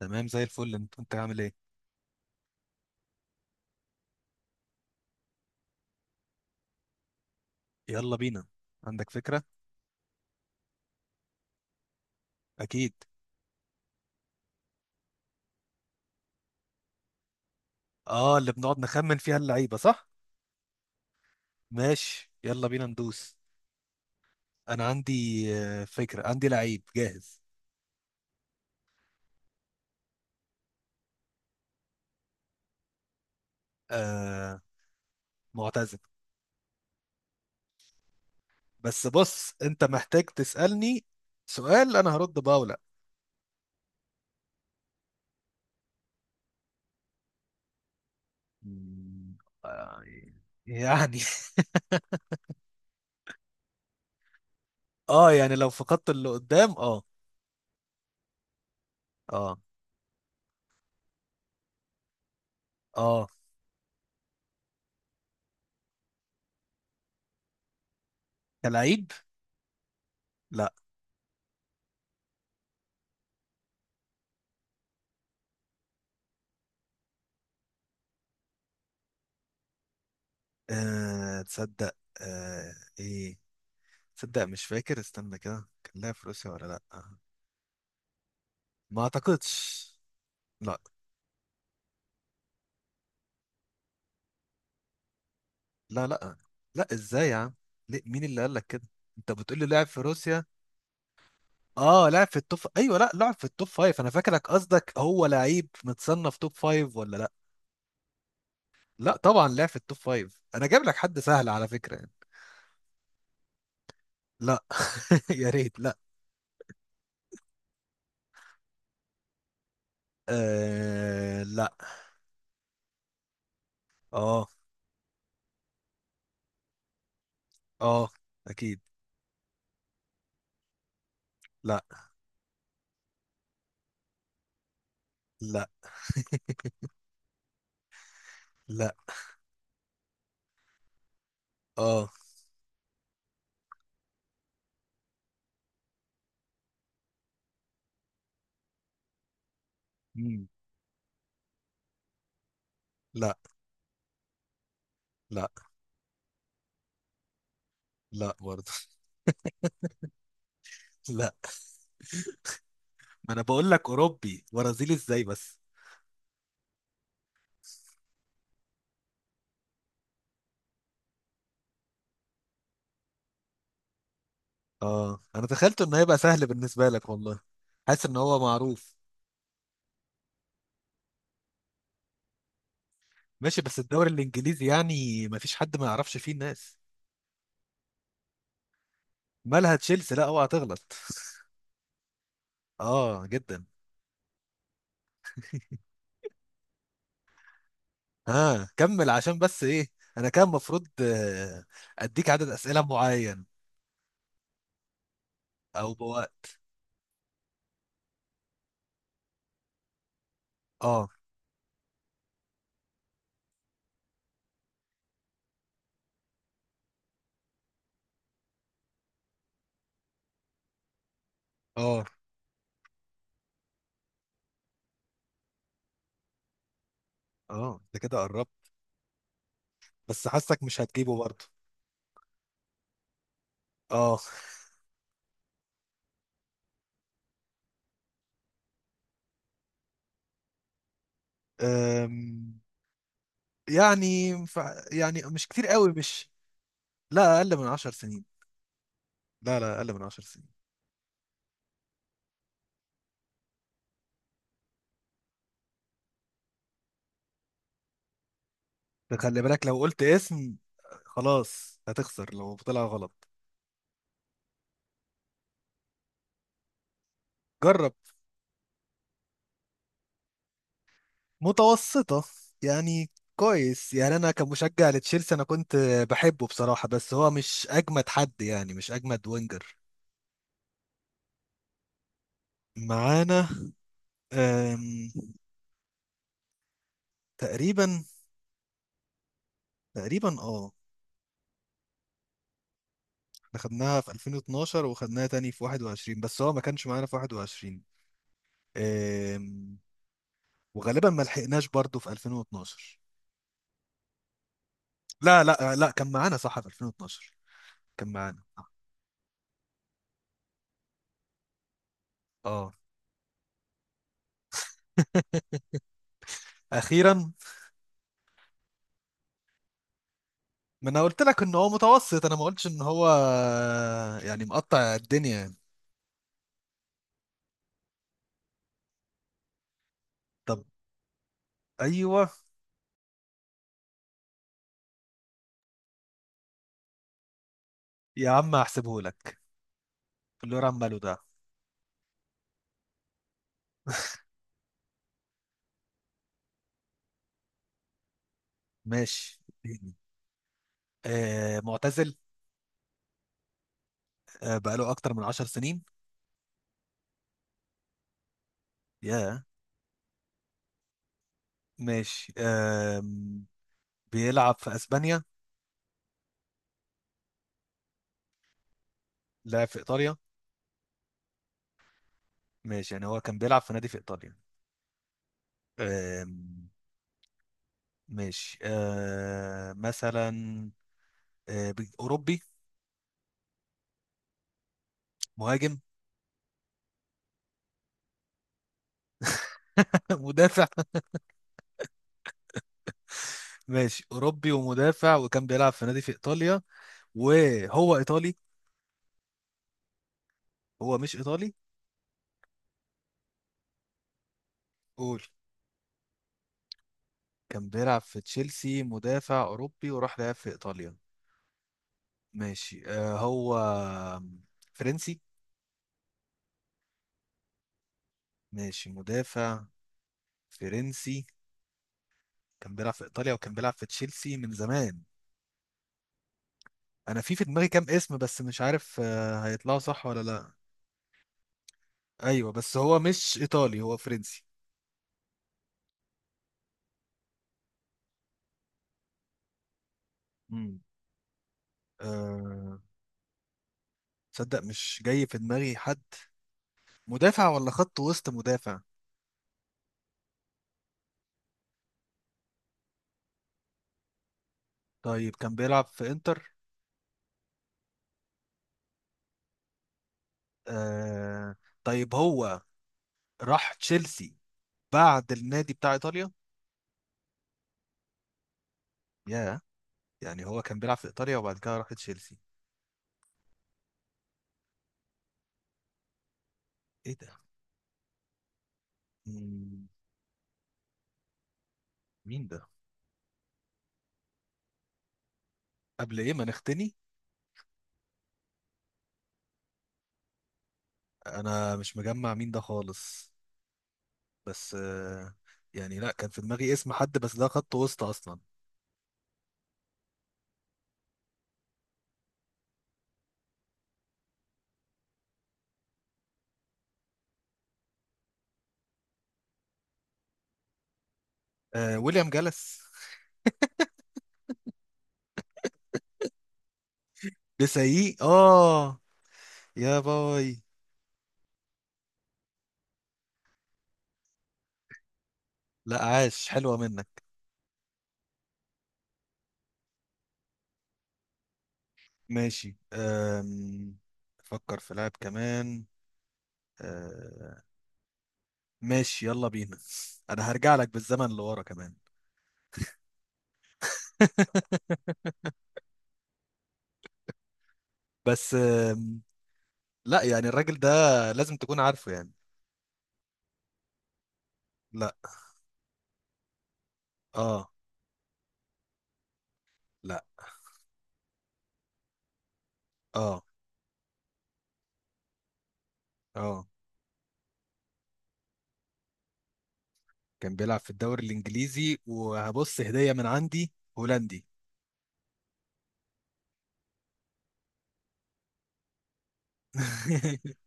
تمام، زي الفل. انت عامل ايه؟ يلا بينا. عندك فكرة؟ اكيد. اه، اللي بنقعد نخمن فيها اللعيبة، صح؟ ماشي، يلا بينا ندوس. انا عندي. فكرة عندي، لعيب جاهز. آه، معتزل. بس بص، انت محتاج تسألني سؤال انا هرد بقى ولا؟ مم، آه، يعني اه، يعني لو فقدت اللي قدام، اه. اه اه كلعيب. لا. آه، تصدق آه. ايه، تصدق مش فاكر، استنى كده، كان لها في روسيا ولا؟ لا. ما اعتقدش. لا. لا لا. لا، ازاي يا عم؟ ليه؟ مين اللي قال لك كده؟ انت بتقول لي لعب في روسيا؟ اه، لعب في التوب، ايوه، لا لعب في التوب فايف. انا فاكرك قصدك هو لعيب متصنف توب فايف ولا لا. لا، طبعا لعب في التوب فايف. انا جايب لك حد سهل على فكرة يعني. لا يا ريت. لا، آه لا. اه. اه اكيد. لا. لا. لا، اه. مم. لا. لا. لا برضه لا، ما انا بقول لك اوروبي، برازيلي ازاي بس؟ اه، انا تخيلت انه هيبقى سهل بالنسبه لك والله. حاسس ان هو معروف. ماشي، بس الدوري الانجليزي يعني ما فيش حد ما يعرفش فيه الناس. مالها تشيلسي؟ لا اوعى تغلط اه، جدا. ها، كمل عشان بس ايه. انا كان المفروض اديك عدد اسئله معين او بوقت. اه. اه. اه، ده كده قربت. بس حاسك مش هتجيبه برضه. اه. أم، يعني يعني مش كتير قوي، مش. لا، اقل من عشر سنين. لا لا، اقل من عشر سنين. ده خلي بالك لو قلت اسم خلاص هتخسر لو طلع غلط. جرب. متوسطة يعني. كويس يعني. انا كمشجع لتشيلسي انا كنت بحبه بصراحة، بس هو مش اجمد حد، يعني مش اجمد وينجر. معانا. أم، تقريبا. تقريبا اه. احنا خدناها في 2012 وخدناها تاني في 21، بس هو ما كانش معانا في 21. أم، وغالبا ما لحقناش برضه في 2012. لا لا لا، كان معانا صح في 2012. كان معانا. اه، اخيرا. ما انا قلت لك ان هو متوسط، انا ما قلتش ان هو يعني مقطع الدنيا يعني. طب. ايوه. يا عم هحسبه لك. اللي هو عماله ده. ماشي، اديني. آه، معتزل. آه، بقاله اكتر من 10 سنين. يا ماشي. آه، بيلعب في اسبانيا؟ لعب في ايطاليا. ماشي، يعني هو كان بيلعب في نادي في ايطاليا. آه. ماشي، آه مثلا، آه اوروبي. مهاجم مدافع. ماشي، أوروبي ومدافع وكان بيلعب في نادي في إيطاليا وهو إيطالي؟ هو مش إيطالي. قول. كان بيلعب في تشيلسي، مدافع أوروبي، وراح لعب في إيطاليا. ماشي، آه هو فرنسي. ماشي، مدافع، فرنسي، كان بيلعب في إيطاليا وكان بيلعب في تشيلسي من زمان. أنا في دماغي كام اسم بس مش عارف آه هيطلعوا صح ولا لأ. أيوه، بس هو مش إيطالي، هو فرنسي. مم. آه، تصدق مش جاي في دماغي حد. مدافع ولا خط وسط؟ مدافع. طيب، كان بيلعب في انتر؟ آه... طيب، هو راح تشيلسي بعد النادي بتاع ايطاليا؟ يا يعني هو كان بيلعب في ايطاليا وبعد كده راح تشيلسي. ايه ده؟ مم، مين ده؟ قبل ايه ما نختني؟ انا مش مجمع مين ده خالص. بس يعني لا، كان في دماغي اسم حد بس ده خط وسط اصلا. آه... ويليام جلس لسه؟ اه، يا باي. لا، عاش، حلوة منك. ماشي. فكر في لاعب كمان. أم... ماشي، يلا بينا انا هرجع لك بالزمن لورا كمان بس لا يعني الراجل ده لازم تكون عارفه يعني. لا. اه. لا. اه. اه، كان بيلعب في الدوري الانجليزي وهبص هدية من عندي. هولندي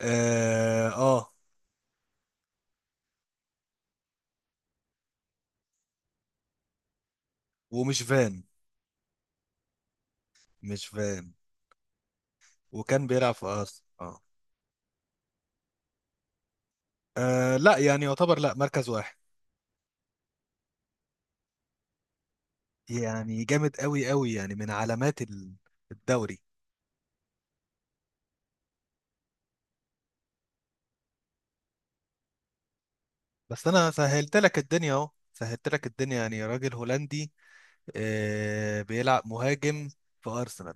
اه، آه. ومش فان. مش فان. وكان بيلعب في ارسنال، اه. لا يعني يعتبر لا مركز واحد يعني. جامد قوي قوي، يعني من علامات الدوري. بس انا سهلت لك الدنيا، اهو سهلت لك الدنيا، يعني راجل هولندي آه بيلعب مهاجم في ارسنال،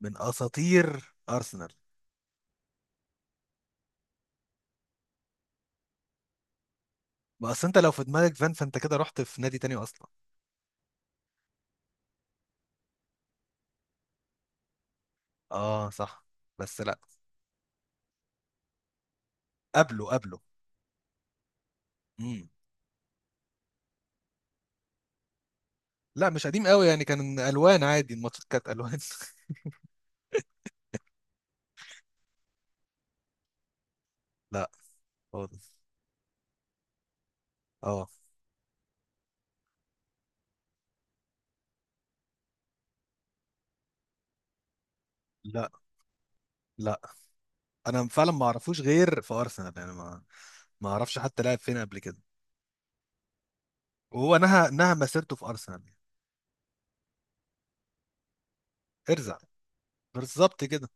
من اساطير ارسنال. ما اصل انت لو في دماغك فان، فانت كده رحت في نادي تاني اصلا. اه، صح. بس لا. قبله، قبله. امم. لا، مش قديم قوي يعني، كان الوان عادي، الماتشات كانت الوان لا، خالص. اه. لا. لا. انا فعلا ما اعرفوش غير في ارسنال، يعني ما ما اعرفش حتى لعب فين قبل كده. وهو نهى مسيرته في ارسنال. ارزع. بالظبط كده.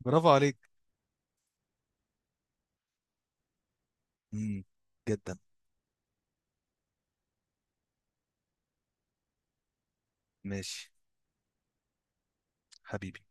برافو عليك. امم. جدا. ماشي. حبيبي.